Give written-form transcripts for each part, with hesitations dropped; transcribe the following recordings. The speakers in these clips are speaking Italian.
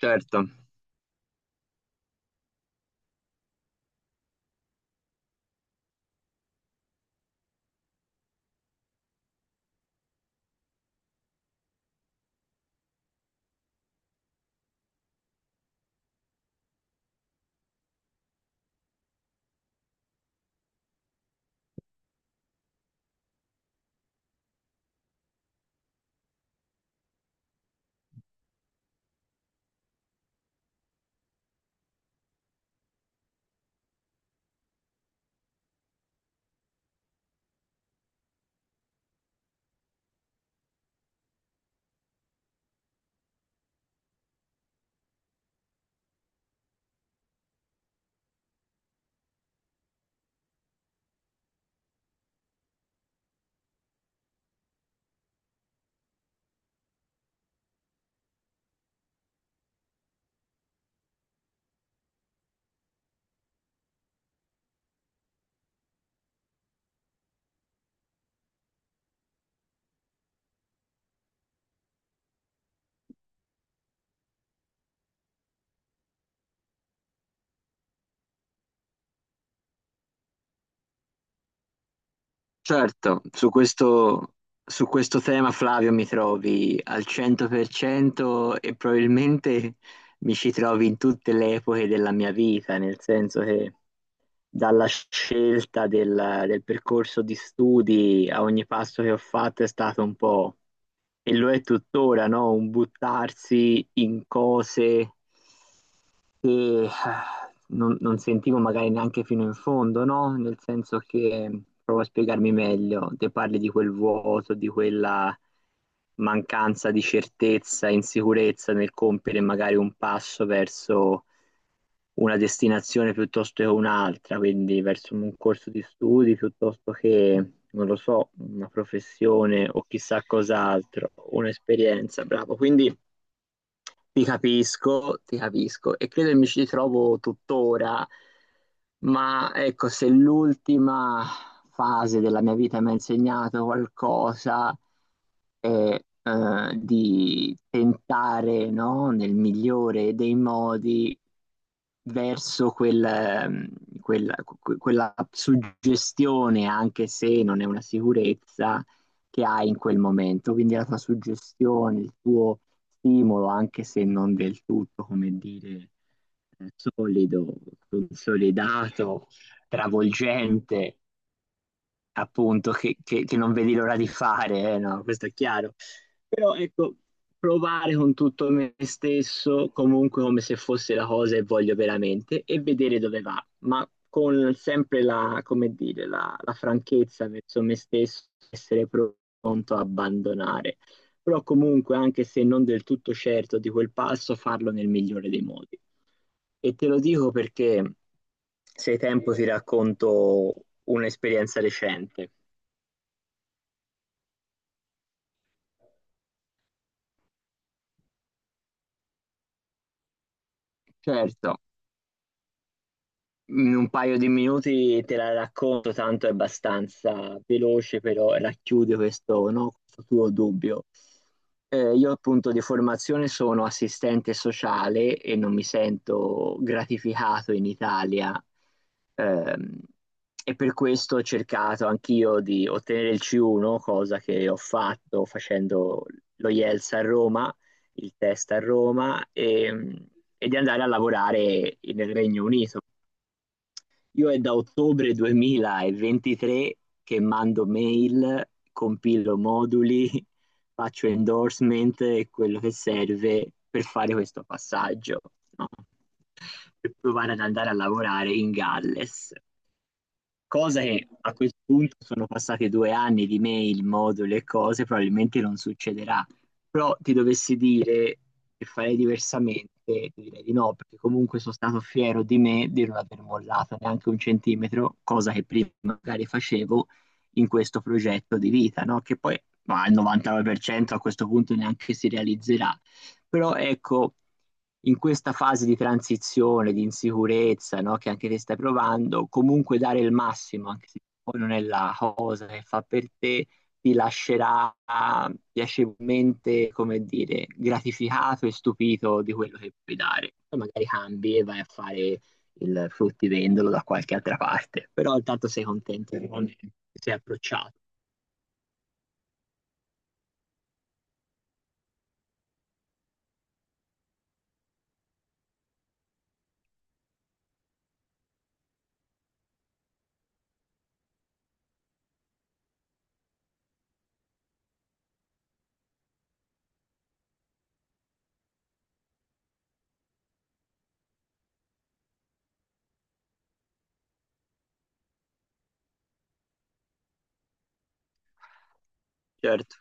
Certo, certo, su questo tema Flavio mi trovi al 100% e probabilmente mi ci trovi in tutte le epoche della mia vita, nel senso che dalla scelta del percorso di studi a ogni passo che ho fatto è stato un po', e lo è tuttora, no? Un buttarsi in cose che non sentivo magari neanche fino in fondo, no? Nel senso che, provo a spiegarmi meglio, te parli di quel vuoto, di quella mancanza di certezza, insicurezza nel compiere magari un passo verso una destinazione piuttosto che un'altra, quindi verso un corso di studi piuttosto che, non lo so, una professione o chissà cos'altro, un'esperienza, bravo. Quindi ti capisco e credo che mi ci ritrovo tuttora, ma ecco, se l'ultima fase della mia vita mi ha insegnato qualcosa è di tentare, no, nel migliore dei modi verso quella suggestione, anche se non è una sicurezza che hai in quel momento. Quindi la tua suggestione, il tuo stimolo, anche se non del tutto, come dire, solido, consolidato, travolgente, appunto, che non vedi l'ora di fare, no, questo è chiaro. Però ecco, provare con tutto me stesso, comunque come se fosse la cosa che voglio veramente, e vedere dove va, ma con sempre come dire, la franchezza verso me stesso, essere pronto a abbandonare. Però comunque, anche se non del tutto certo di quel passo, farlo nel migliore dei modi. E te lo dico perché, se hai tempo, ti racconto un'esperienza recente. Certo, in un paio di minuti te la racconto, tanto è abbastanza veloce, però racchiude questo, no, questo tuo dubbio. Io appunto di formazione sono assistente sociale e non mi sento gratificato in Italia, ehm, e per questo ho cercato anch'io di ottenere il C1, cosa che ho fatto facendo lo IELTS a Roma, il test a Roma, e di andare a lavorare nel Regno Unito. Io è da ottobre 2023 che mando mail, compilo moduli, faccio endorsement e quello che serve per fare questo passaggio, no? Per provare ad andare a lavorare in Galles. Cosa che a questo punto sono passati 2 anni di mail, moduli e cose, probabilmente non succederà. Però ti dovessi dire che farei diversamente, ti direi di no, perché comunque sono stato fiero di me di non aver mollato neanche un centimetro, cosa che prima magari facevo in questo progetto di vita, no? Che poi ma al 99% a questo punto neanche si realizzerà. Però ecco, in questa fase di transizione, di insicurezza, no, che anche te stai provando, comunque dare il massimo, anche se poi non è la cosa che fa per te, ti lascerà piacevolmente, come dire, gratificato e stupito di quello che puoi dare. Poi magari cambi e vai a fare il fruttivendolo da qualche altra parte, però intanto sei contento di come ti sei approcciato. Certo,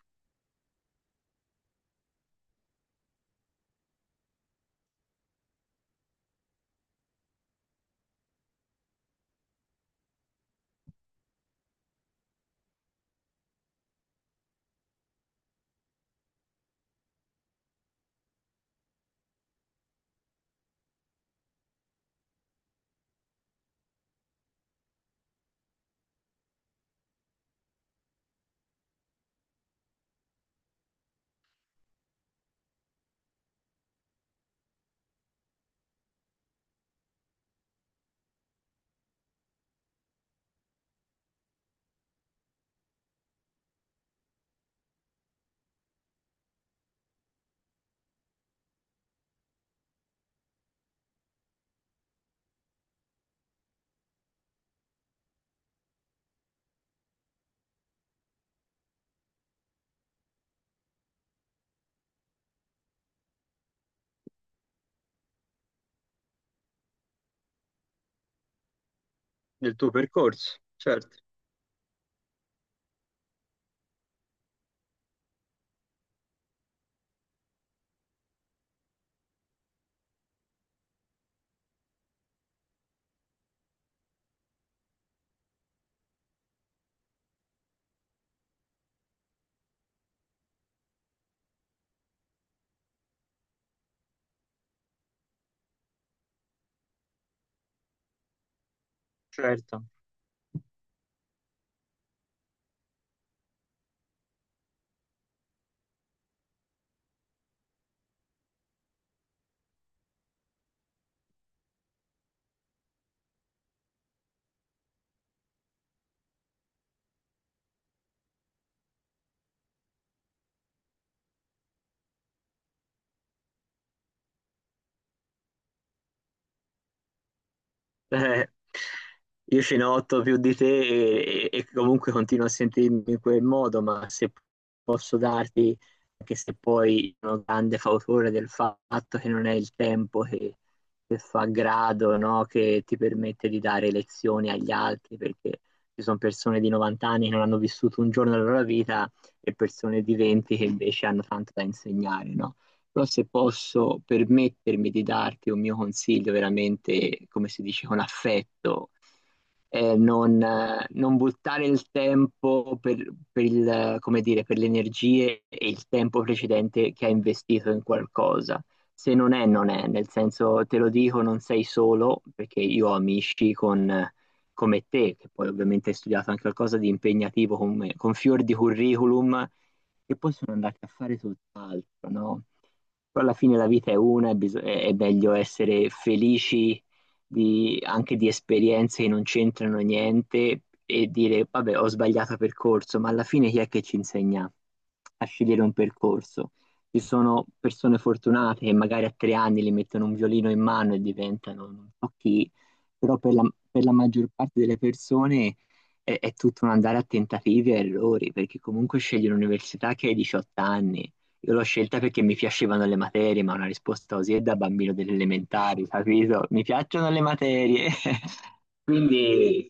del tuo percorso, certo, certo. Eh, io ce ne ho otto più di te e, comunque continuo a sentirmi in quel modo, ma se posso darti, anche se poi sono grande fautore del fatto che non è il tempo che fa grado, no? Che ti permette di dare lezioni agli altri, perché ci sono persone di 90 anni che non hanno vissuto un giorno della loro vita e persone di 20 che invece hanno tanto da insegnare, no? Però se posso permettermi di darti un mio consiglio veramente, come si dice, con affetto, è non buttare il tempo come dire, per le energie e il tempo precedente che hai investito in qualcosa. Se non è, non è, nel senso te lo dico, non sei solo, perché io ho amici con, come te, che poi ovviamente hai studiato anche qualcosa di impegnativo con fior di curriculum, che poi sono andati a fare tutt'altro, no? Però alla fine la vita è una e è meglio essere felici anche di esperienze che non c'entrano niente e dire, vabbè, ho sbagliato percorso, ma alla fine chi è che ci insegna a scegliere un percorso? Ci sono persone fortunate che magari a 3 anni le mettono un violino in mano e diventano non so chi, però per la maggior parte delle persone è tutto un andare a tentativi e errori, perché comunque scegli un'università che hai 18 anni, io l'ho scelta perché mi piacevano le materie, ma una risposta così è da bambino delle elementari, capito? Mi piacciono le materie. Quindi,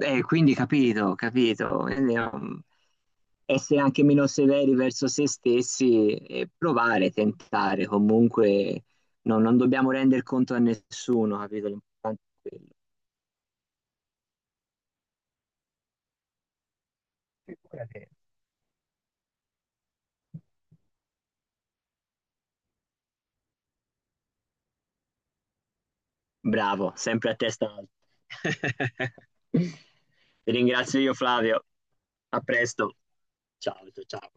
quindi capito, capito. Quindi, essere anche meno severi verso se stessi e provare, tentare. Comunque no, non dobbiamo rendere conto a nessuno, capito? L'importante è quello. Figurati. Bravo, sempre a testa alta. Ti ringrazio io, Flavio. A presto. Ciao, ciao. Ciao.